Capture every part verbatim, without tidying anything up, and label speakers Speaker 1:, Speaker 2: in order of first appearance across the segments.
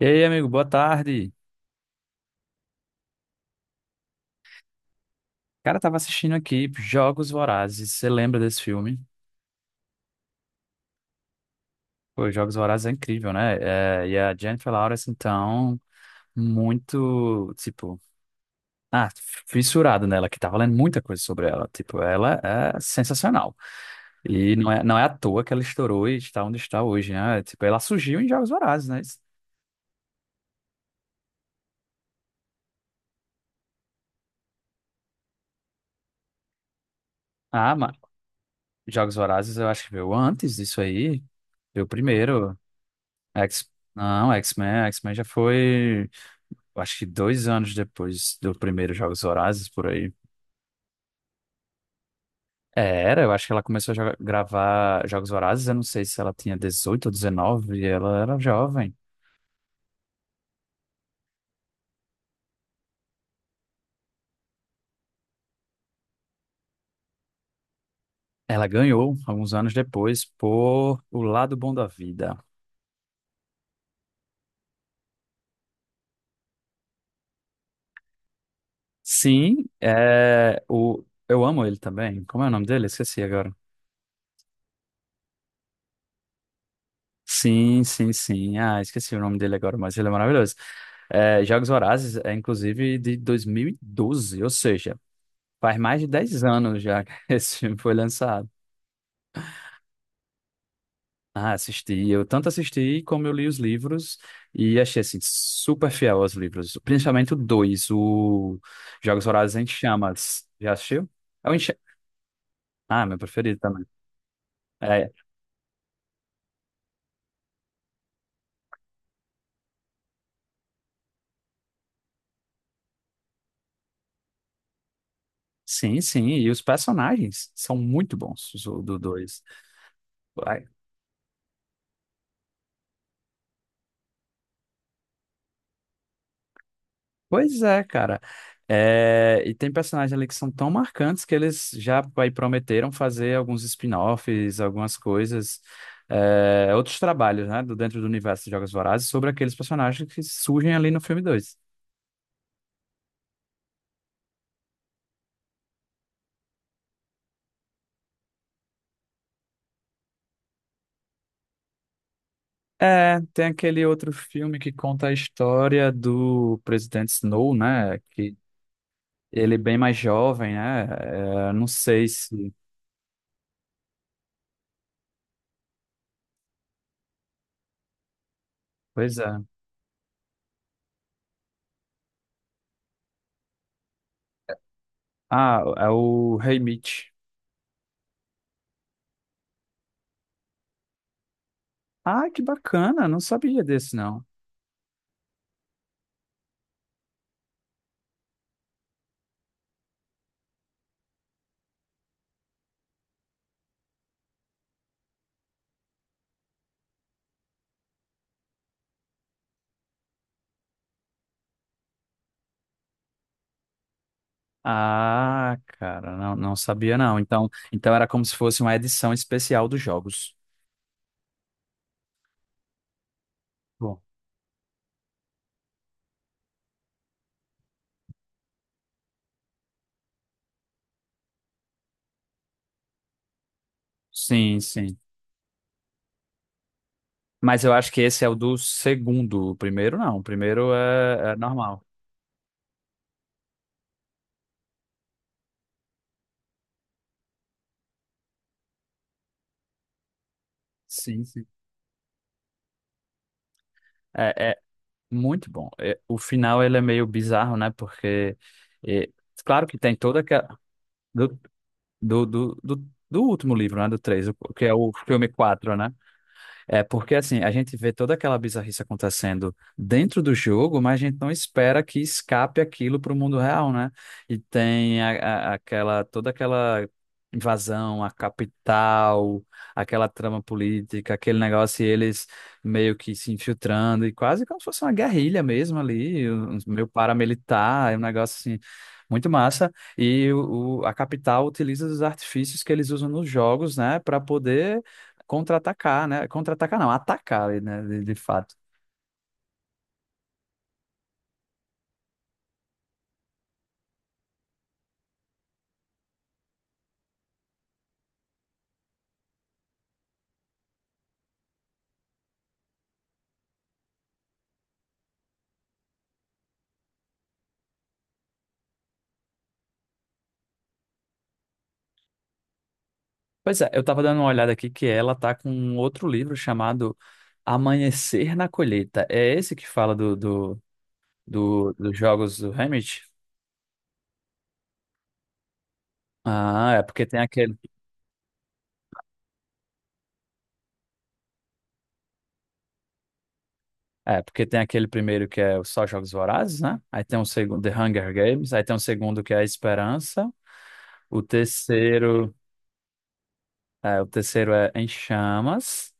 Speaker 1: E aí, amigo, boa tarde. Cara, tava assistindo aqui Jogos Vorazes. Você lembra desse filme? Pô, Jogos Vorazes é incrível, né? É, e a Jennifer Lawrence, então, muito, tipo, ah, fissurado nela, que tava lendo muita coisa sobre ela. Tipo, ela é sensacional. E não é, não é à toa que ela estourou e está onde está hoje, né? Tipo, ela surgiu em Jogos Vorazes, né? Ah, mas Jogos Vorazes eu acho que veio antes disso aí. Veio primeiro. X... Não, X-Men, X-Men já foi. Eu acho que dois anos depois do primeiro Jogos Vorazes, por aí. É, era, eu acho que ela começou a joga- gravar Jogos Vorazes, eu não sei se ela tinha dezoito ou dezenove, e ela era jovem. Ela ganhou, alguns anos depois, por O Lado Bom da Vida. Sim, é, o, eu amo ele também. Como é o nome dele? Esqueci agora. Sim, sim, sim. Ah, esqueci o nome dele agora, mas ele é maravilhoso. É, Jogos Vorazes é, inclusive, de dois mil e doze, ou seja, faz mais de dez anos já que esse filme foi lançado. Ah, assisti. Eu tanto assisti como eu li os livros e achei assim super fiel aos livros, principalmente o dois, o Jogos Vorazes em Chamas. Já assistiu? É o em. Ah, meu preferido também. É, sim, sim. E os personagens são muito bons os do dois. Pois é, cara. É, e tem personagens ali que são tão marcantes que eles já aí prometeram fazer alguns spin-offs, algumas coisas, é, outros trabalhos, né, do dentro do universo de Jogos Vorazes sobre aqueles personagens que surgem ali no filme dois. É, tem aquele outro filme que conta a história do presidente Snow, né, que ele é bem mais jovem, né, é, não sei se... Pois é. Ah, é o Rei Mitch. Ah, que bacana, não sabia desse, não. Ah, cara, não, não sabia não. Então, então era como se fosse uma edição especial dos jogos. Bom, sim, sim. Mas eu acho que esse é o do segundo. O primeiro não. O primeiro é, é normal. Sim, sim. É, é muito bom. É, o final ele é meio bizarro, né? Porque é, claro que tem toda aquela do, do, do, do, do último livro, né? Do três, o que é o filme quatro, né? É porque assim, a gente vê toda aquela bizarrice acontecendo dentro do jogo, mas a gente não espera que escape aquilo para o mundo real, né? E tem a- a- aquela toda aquela invasão à capital, aquela trama política, aquele negócio e eles meio que se infiltrando e quase como se fosse uma guerrilha mesmo ali, um- meio paramilitar, é um negócio assim muito massa. E o, o- a capital utiliza os artifícios que eles usam nos jogos, né, para poder contra-atacar, né? Contra-atacar não, atacar, né? De, de fato. Pois é, eu tava dando uma olhada aqui que ela tá com um outro livro chamado Amanhecer na Colheita. É esse que fala do, do, do- dos jogos do Hamid? Ah, é porque tem aquele, é porque tem aquele primeiro que é só Jogos Vorazes, né? Aí tem um segundo, The Hunger Games, aí tem um segundo que é A Esperança, o terceiro, é, o terceiro é Em Chamas.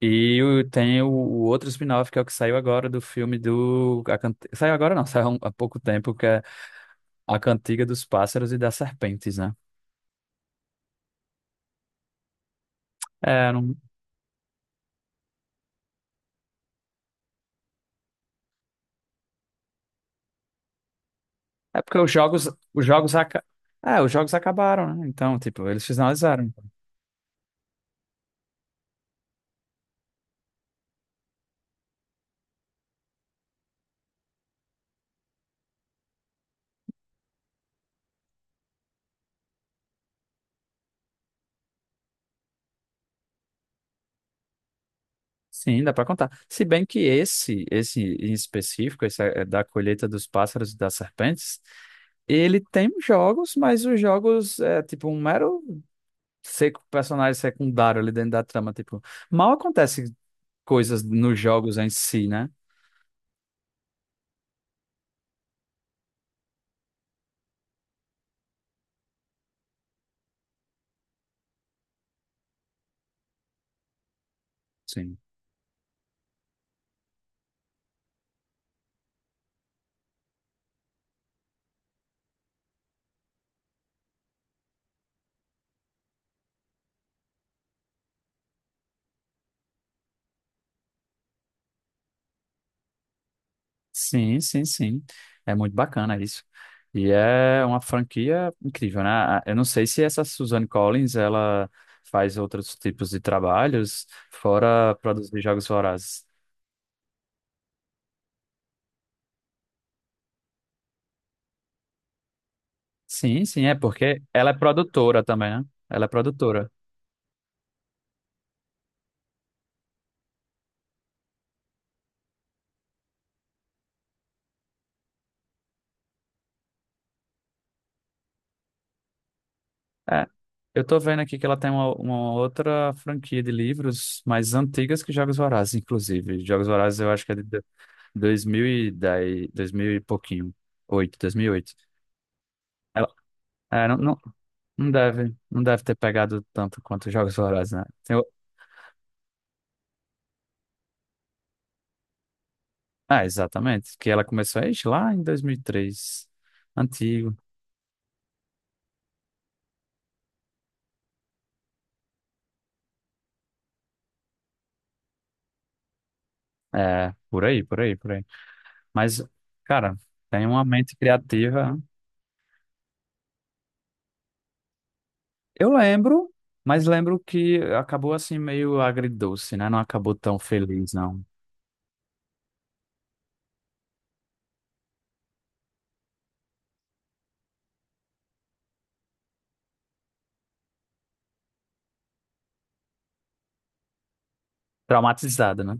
Speaker 1: E o- tem o, o outro spin-off que é o que saiu agora do filme do. A Cant- Saiu agora não, saiu há um, há pouco tempo, que é A Cantiga dos Pássaros e das Serpentes, né? É, não... é porque os jogos. Os jogos aca... É, os jogos acabaram, né? Então, tipo, eles finalizaram. Sim, dá pra contar. Se bem que esse, esse em específico, esse é da colheita dos pássaros e das serpentes, ele tem jogos, mas os jogos é tipo um mero seco personagem secundário ali dentro da trama, tipo. Mal acontece coisas nos jogos em si, né? Sim. Sim, sim, sim. É muito bacana isso. E é uma franquia incrível, né? A- Eu não sei se essa Suzanne Collins, ela faz outros tipos de trabalhos, fora produzir Jogos Vorazes. Sim, sim, é porque ela é produtora também, né? Ela é produtora. É. Eu tô vendo aqui que ela tem uma, uma outra franquia de livros mais antigas que Jogos Vorazes, inclusive. Jogos Vorazes eu acho que é de dois mil e dez, dois mil e dez, dois mil e pouquinho. oito, oito. Ela, é, não, não, não deve, não deve ter pegado tanto quanto os Jogos Vorazes, né? Tem o- ah, exatamente. Que ela começou a ixi, lá em dois mil e três. Antigo. É, por aí, por aí, por aí. Mas, cara, tem uma mente criativa. Eu lembro, mas lembro que acabou assim meio agridoce, né? Não acabou tão feliz, não. Traumatizada, né?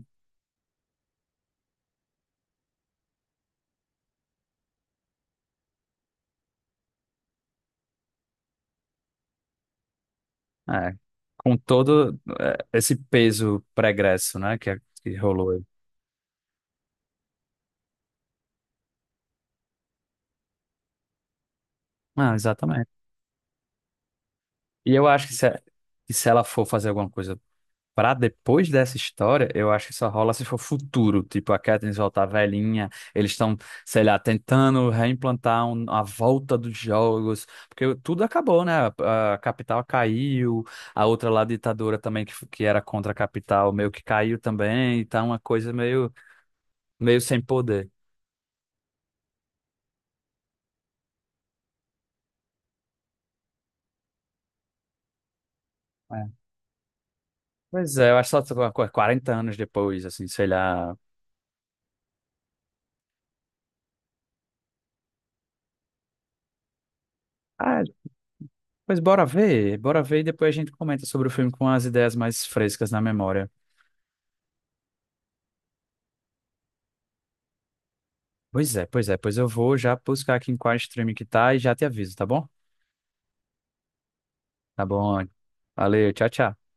Speaker 1: É, com todo é, esse peso pregresso, né, que, é, que rolou aí. Ah, exatamente. E eu acho que se, que se ela for fazer alguma coisa pra depois dessa história, eu acho que só rola se for futuro, tipo a Katniss voltar velhinha, eles estão, sei lá, tentando reimplantar um- a volta dos jogos, porque tudo acabou, né? A, a capital caiu, a outra lá ditadora também que, f- que era contra a capital meio que caiu também, tá uma coisa meio meio sem poder. Pois é, eu acho que só qu- quarenta anos depois, assim, sei lá. Ah, pois bora ver, bora ver e depois a gente comenta sobre o filme com as ideias mais frescas na memória. Pois é, pois é, pois eu vou já buscar aqui em qual streaming que tá e já te aviso, tá bom? Tá bom. Valeu, tchau, tchau.